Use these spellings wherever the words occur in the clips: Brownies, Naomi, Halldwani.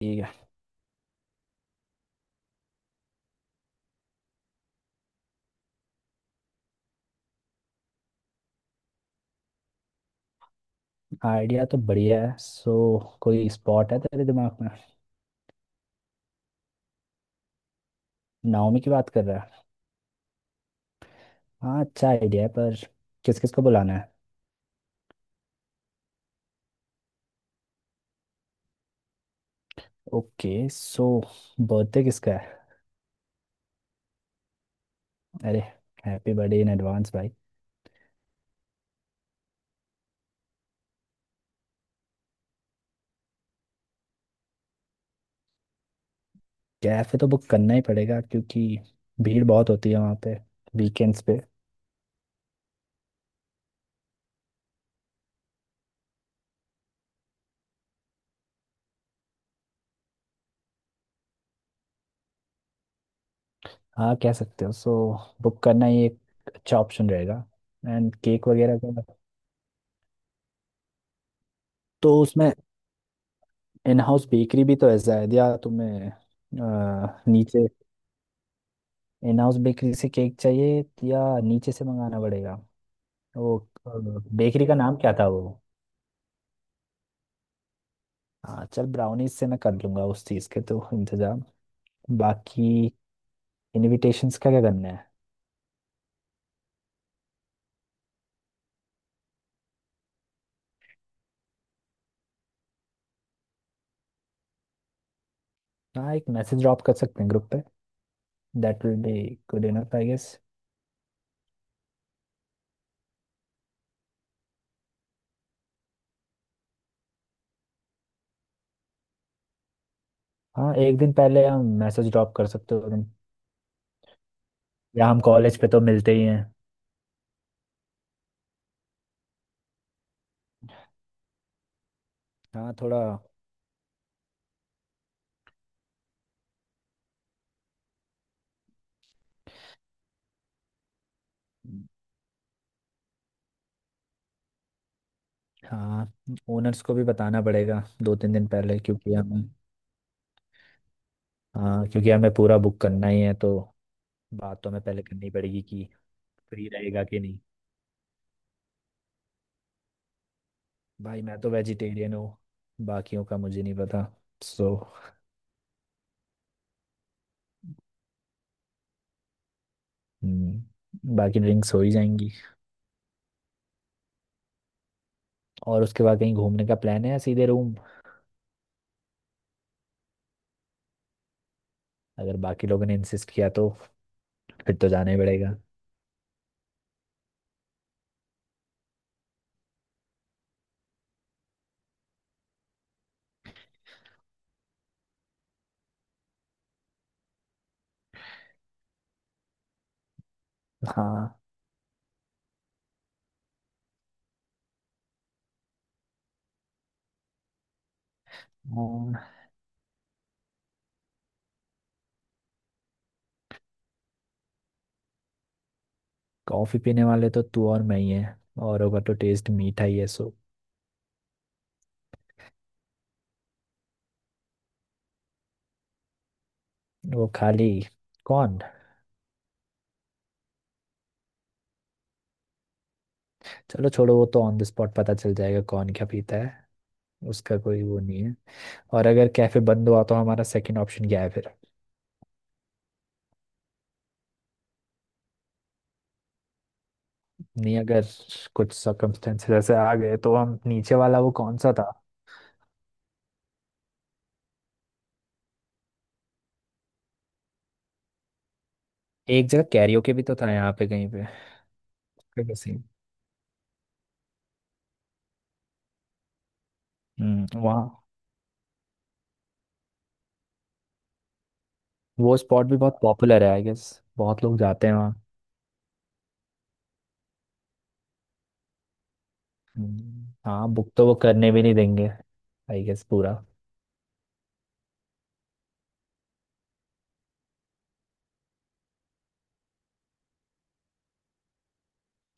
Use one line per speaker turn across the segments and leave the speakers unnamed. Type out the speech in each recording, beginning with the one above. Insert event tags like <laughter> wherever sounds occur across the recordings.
ठीक है। आइडिया तो बढ़िया है, सो कोई स्पॉट है तेरे दिमाग में? नाओमी की बात कर रहा है? हाँ, अच्छा आइडिया है, पर किस किस को बुलाना है? ओके, सो बर्थडे किसका है? अरे, हैप्पी बर्थडे इन एडवांस भाई। कैफे तो बुक करना ही पड़ेगा, क्योंकि भीड़ बहुत होती है वहाँ पे, वीकेंड्स पे। हाँ कह सकते हो, सो बुक करना ही एक अच्छा ऑप्शन रहेगा। एंड केक वगैरह का? तो उसमें इन हाउस बेकरी भी तो है शायद, या तुम्हें नीचे? इन हाउस बेकरी से केक चाहिए या नीचे से मंगाना पड़ेगा? वो बेकरी का नाम क्या था वो? हाँ चल, ब्राउनीज से मैं कर लूंगा उस चीज़ के तो इंतजाम। बाकी इनविटेशंस का क्या करना है? हाँ एक मैसेज ड्रॉप कर सकते हैं ग्रुप पे। That will be good enough I guess. हाँ एक दिन पहले हम मैसेज ड्रॉप कर सकते हो तुम। या हम कॉलेज पे तो मिलते ही हैं। हाँ थोड़ा। हाँ, ओनर्स को भी बताना पड़ेगा दो तीन दिन पहले क्योंकि हमें। हाँ क्योंकि हमें पूरा बुक करना ही है, तो बात तो हमें पहले करनी पड़ेगी कि फ्री रहेगा कि नहीं। भाई मैं तो वेजिटेरियन हूँ, बाकियों का मुझे नहीं पता। सो बाकी ड्रिंक्स हो ही जाएंगी। और उसके बाद कहीं घूमने का प्लान है या सीधे रूम? अगर बाकी लोगों ने इंसिस्ट किया तो फिर तो जाना ही पड़ेगा। हाँ कॉफ़ी पीने वाले तो तू और मैं ही हैं, और होगा तो टेस्ट मीठा ही है सो। वो खाली, कौन? चलो छोड़ो, वो तो ऑन द स्पॉट पता चल जाएगा कौन क्या पीता है। उसका कोई वो नहीं है। और अगर कैफे बंद हुआ तो हमारा सेकंड ऑप्शन क्या है फिर? नहीं, अगर कुछ सर्कमस्टेंसेस ऐसे आ गए तो हम नीचे वाला, वो कौन सा था? एक जगह कैरियोके भी तो था यहाँ पे कहीं पे, कहीं से। हम्म, वहाँ वो स्पॉट भी बहुत पॉपुलर है आई गेस, बहुत लोग जाते हैं वहाँ। हाँ बुक तो वो करने भी नहीं देंगे, आई गेस पूरा।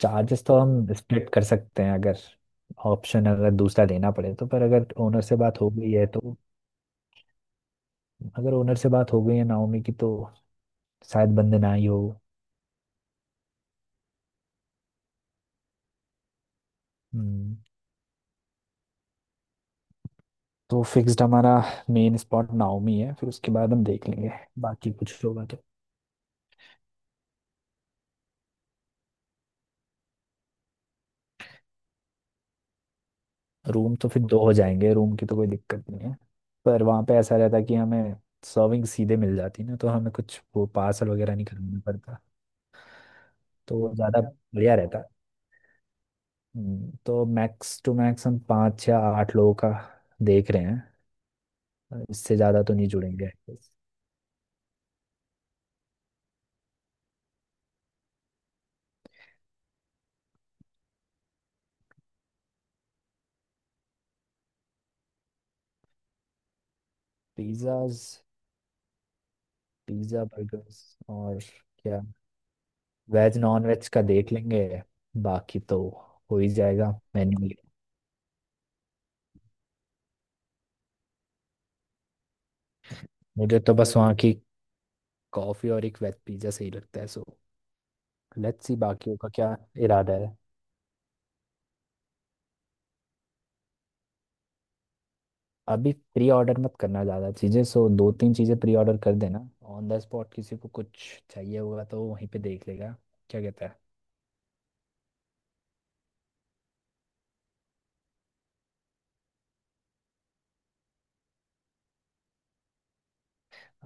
चार्जेस तो हम स्प्लिट कर सकते हैं, अगर ऑप्शन अगर दूसरा लेना पड़े तो, पर अगर ओनर से बात हो गई है तो। अगर ओनर से बात हो गई है नाओमी की तो शायद बंद ना ही हो। हम्म, तो फिक्स्ड हमारा मेन स्पॉट नाओमी है, फिर उसके बाद हम देख लेंगे। बाकी कुछ होगा तो रूम तो फिर दो हो जाएंगे, रूम की तो कोई दिक्कत नहीं है। पर वहाँ पे ऐसा रहता कि हमें सर्विंग सीधे मिल जाती ना, तो हमें कुछ वो पार्सल वगैरह नहीं करना पड़ता, तो वो ज़्यादा बढ़िया रहता। तो मैक्स टू मैक्स हम पाँच या आठ लोगों का देख रहे हैं, इससे ज़्यादा तो नहीं जुड़ेंगे। पिज़्ज़ाज, पिज़्ज़ा बर्गर्स और क्या? वेज नॉन वेज का देख लेंगे, बाकी तो हो ही जाएगा। मेन्यू, मुझे तो बस वहाँ की कॉफ़ी और एक वेज पिज़्ज़ा सही लगता है, सो लेट्स सी बाकियों का क्या इरादा है। अभी प्री ऑर्डर मत करना ज़्यादा चीज़ें, सो दो तीन चीज़ें प्री ऑर्डर कर देना, ऑन द स्पॉट किसी को कुछ चाहिए होगा तो वो वहीं पे देख लेगा। क्या कहता है?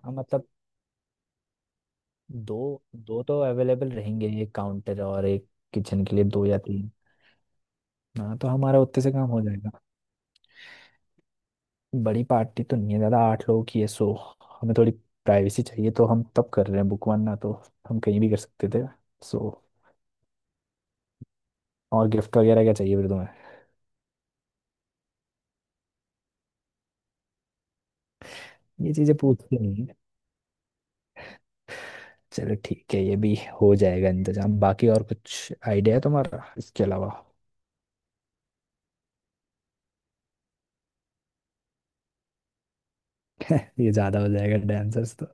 हाँ मतलब दो, दो तो अवेलेबल रहेंगे, एक काउंटर और एक किचन के लिए, दो या तीन। हाँ तो हमारा उतने से काम हो जाएगा। बड़ी पार्टी तो नहीं है ज़्यादा, आठ लोगों की है, सो हमें थोड़ी प्राइवेसी चाहिए, तो हम तब कर रहे हैं बुक, वन ना तो हम कहीं भी कर सकते थे सो। और गिफ्ट वगैरह क्या चाहिए फिर तुम्हें? ये चीज़ें पूछती नहीं है। चलो ठीक है, ये भी हो जाएगा इंतजाम। बाकी और कुछ आइडिया है तुम्हारा इसके अलावा? <laughs> ये ज़्यादा हो जाएगा डांसर्स तो।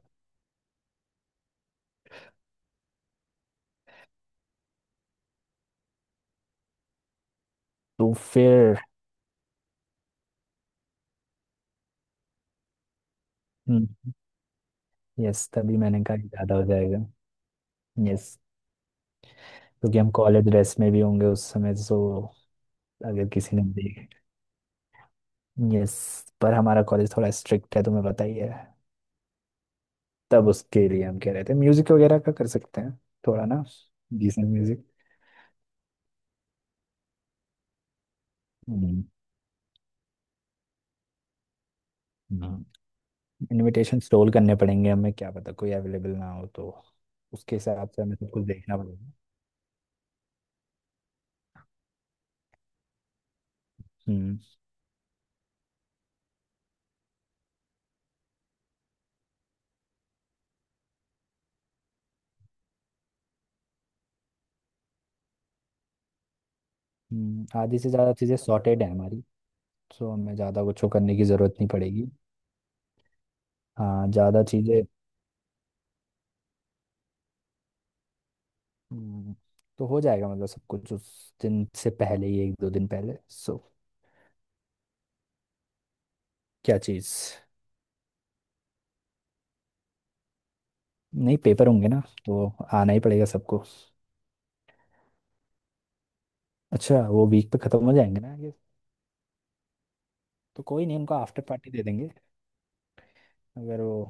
तो फिर यस, तभी मैंने कहा कि ज़्यादा हो जाएगा। यस, क्योंकि हम कॉलेज ड्रेस में भी होंगे उस समय, सो अगर किसी ने देख। यस, पर हमारा कॉलेज थोड़ा स्ट्रिक्ट है, तुम्हें पता ही है। तब उसके लिए हम कह रहे थे म्यूजिक वगैरह का कर सकते हैं, थोड़ा ना, डिसेंट म्यूजिक। इनविटेशन स्टॉल करने पड़ेंगे हमें, क्या पता कोई अवेलेबल ना हो तो, उसके हिसाब से हमें सब कुछ देखना पड़ेगा। हम्म। आधी से ज़्यादा चीज़ें सॉर्टेड है हमारी, सो हमें ज़्यादा कुछ वो करने की ज़रूरत नहीं पड़ेगी। हाँ ज़्यादा चीज़ें। हम्म, तो हो जाएगा मतलब सब कुछ उस दिन से पहले ही, एक दो दिन पहले सो। क्या चीज़? नहीं पेपर होंगे ना, तो आना ही पड़ेगा सबको। अच्छा वो वीक पे खत्म हो जाएंगे ना ये, तो कोई नहीं, उनको आफ्टर पार्टी दे देंगे। अगर वो,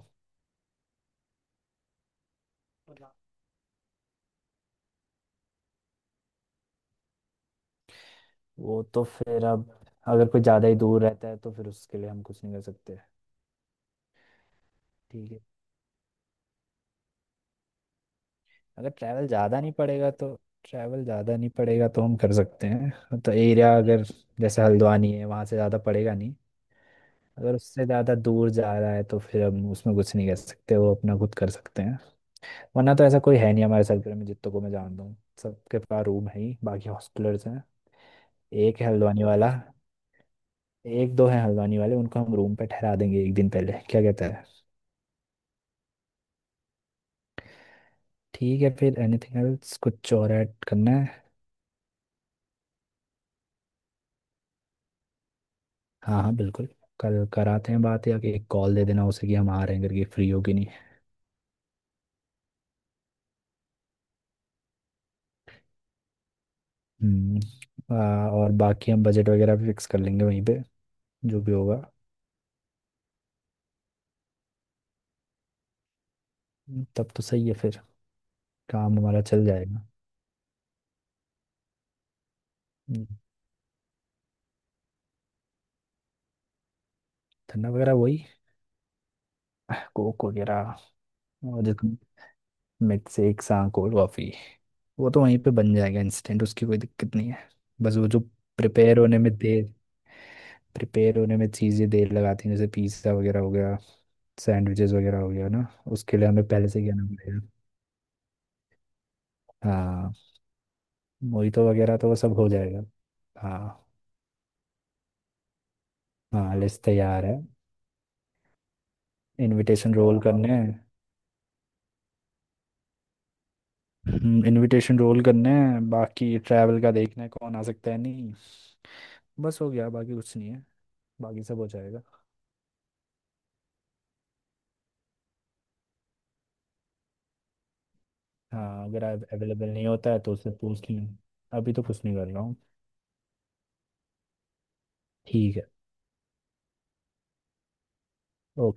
वो तो फिर अब अगर कोई ज़्यादा ही दूर रहता है तो फिर उसके लिए हम कुछ नहीं कर सकते। ठीक है। अगर ट्रैवल ज़्यादा नहीं पड़ेगा तो, ट्रैवल ज़्यादा नहीं पड़ेगा तो हम कर सकते हैं। तो एरिया अगर जैसे हल्द्वानी है वहाँ से ज़्यादा पड़ेगा नहीं। अगर उससे ज़्यादा दूर जा रहा है तो फिर हम उसमें कुछ नहीं कर सकते, वो अपना खुद कर सकते। वरना तो ऐसा कोई है नहीं हमारे सर्कल में जितने को मैं जानता हूँ, सबके पास रूम है ही, बाकी हॉस्टलर्स हैं। एक है हल्द्वानी वाला। एक दो हैं हल्द्वानी वाले, उनको हम रूम पे ठहरा देंगे एक दिन पहले। क्या कहता है? ठीक है फिर। Anything else? कुछ और ऐड करना है? हाँ हाँ बिल्कुल। कल कराते हैं बात, या कि एक कॉल दे देना उसे कि हम आ रहे हैं करके, फ्री हो कि नहीं। हम्म। और बाकी हम बजट वगैरह भी फिक्स कर लेंगे वहीं पे। जो भी होगा, तब तो सही है फिर, काम हमारा चल जाएगा। हम्म, धरना वगैरह वही कोक वगैरह। और जो मिल्कशेक सा कोल्ड कॉफी, वो तो वहीं पे बन जाएगा इंस्टेंट, उसकी कोई दिक्कत नहीं है। बस वो जो प्रिपेयर होने में देर, प्रिपेयर होने में चीज़ें देर लगाती हैं, जैसे पिज्ज़ा वगैरह हो गया, सैंडविचेस वगैरह हो गया ना, उसके लिए हमें पहले से कहना पड़ेगा। हाँ। मोहितो वगैरह तो वो सब हो जाएगा। हाँ। हाँ लिस्ट तैयार है। इनविटेशन रोल करने हैं। इनविटेशन रोल करने हैं, बाकी ट्रैवल का देखना है कौन आ सकता है नहीं। बस हो गया, बाकी कुछ नहीं है, बाकी सब हो जाएगा। हाँ अगर आप अवेलेबल नहीं होता है तो उससे पूछ लें। अभी तो कुछ नहीं कर रहा हूँ। ठीक है। ओके।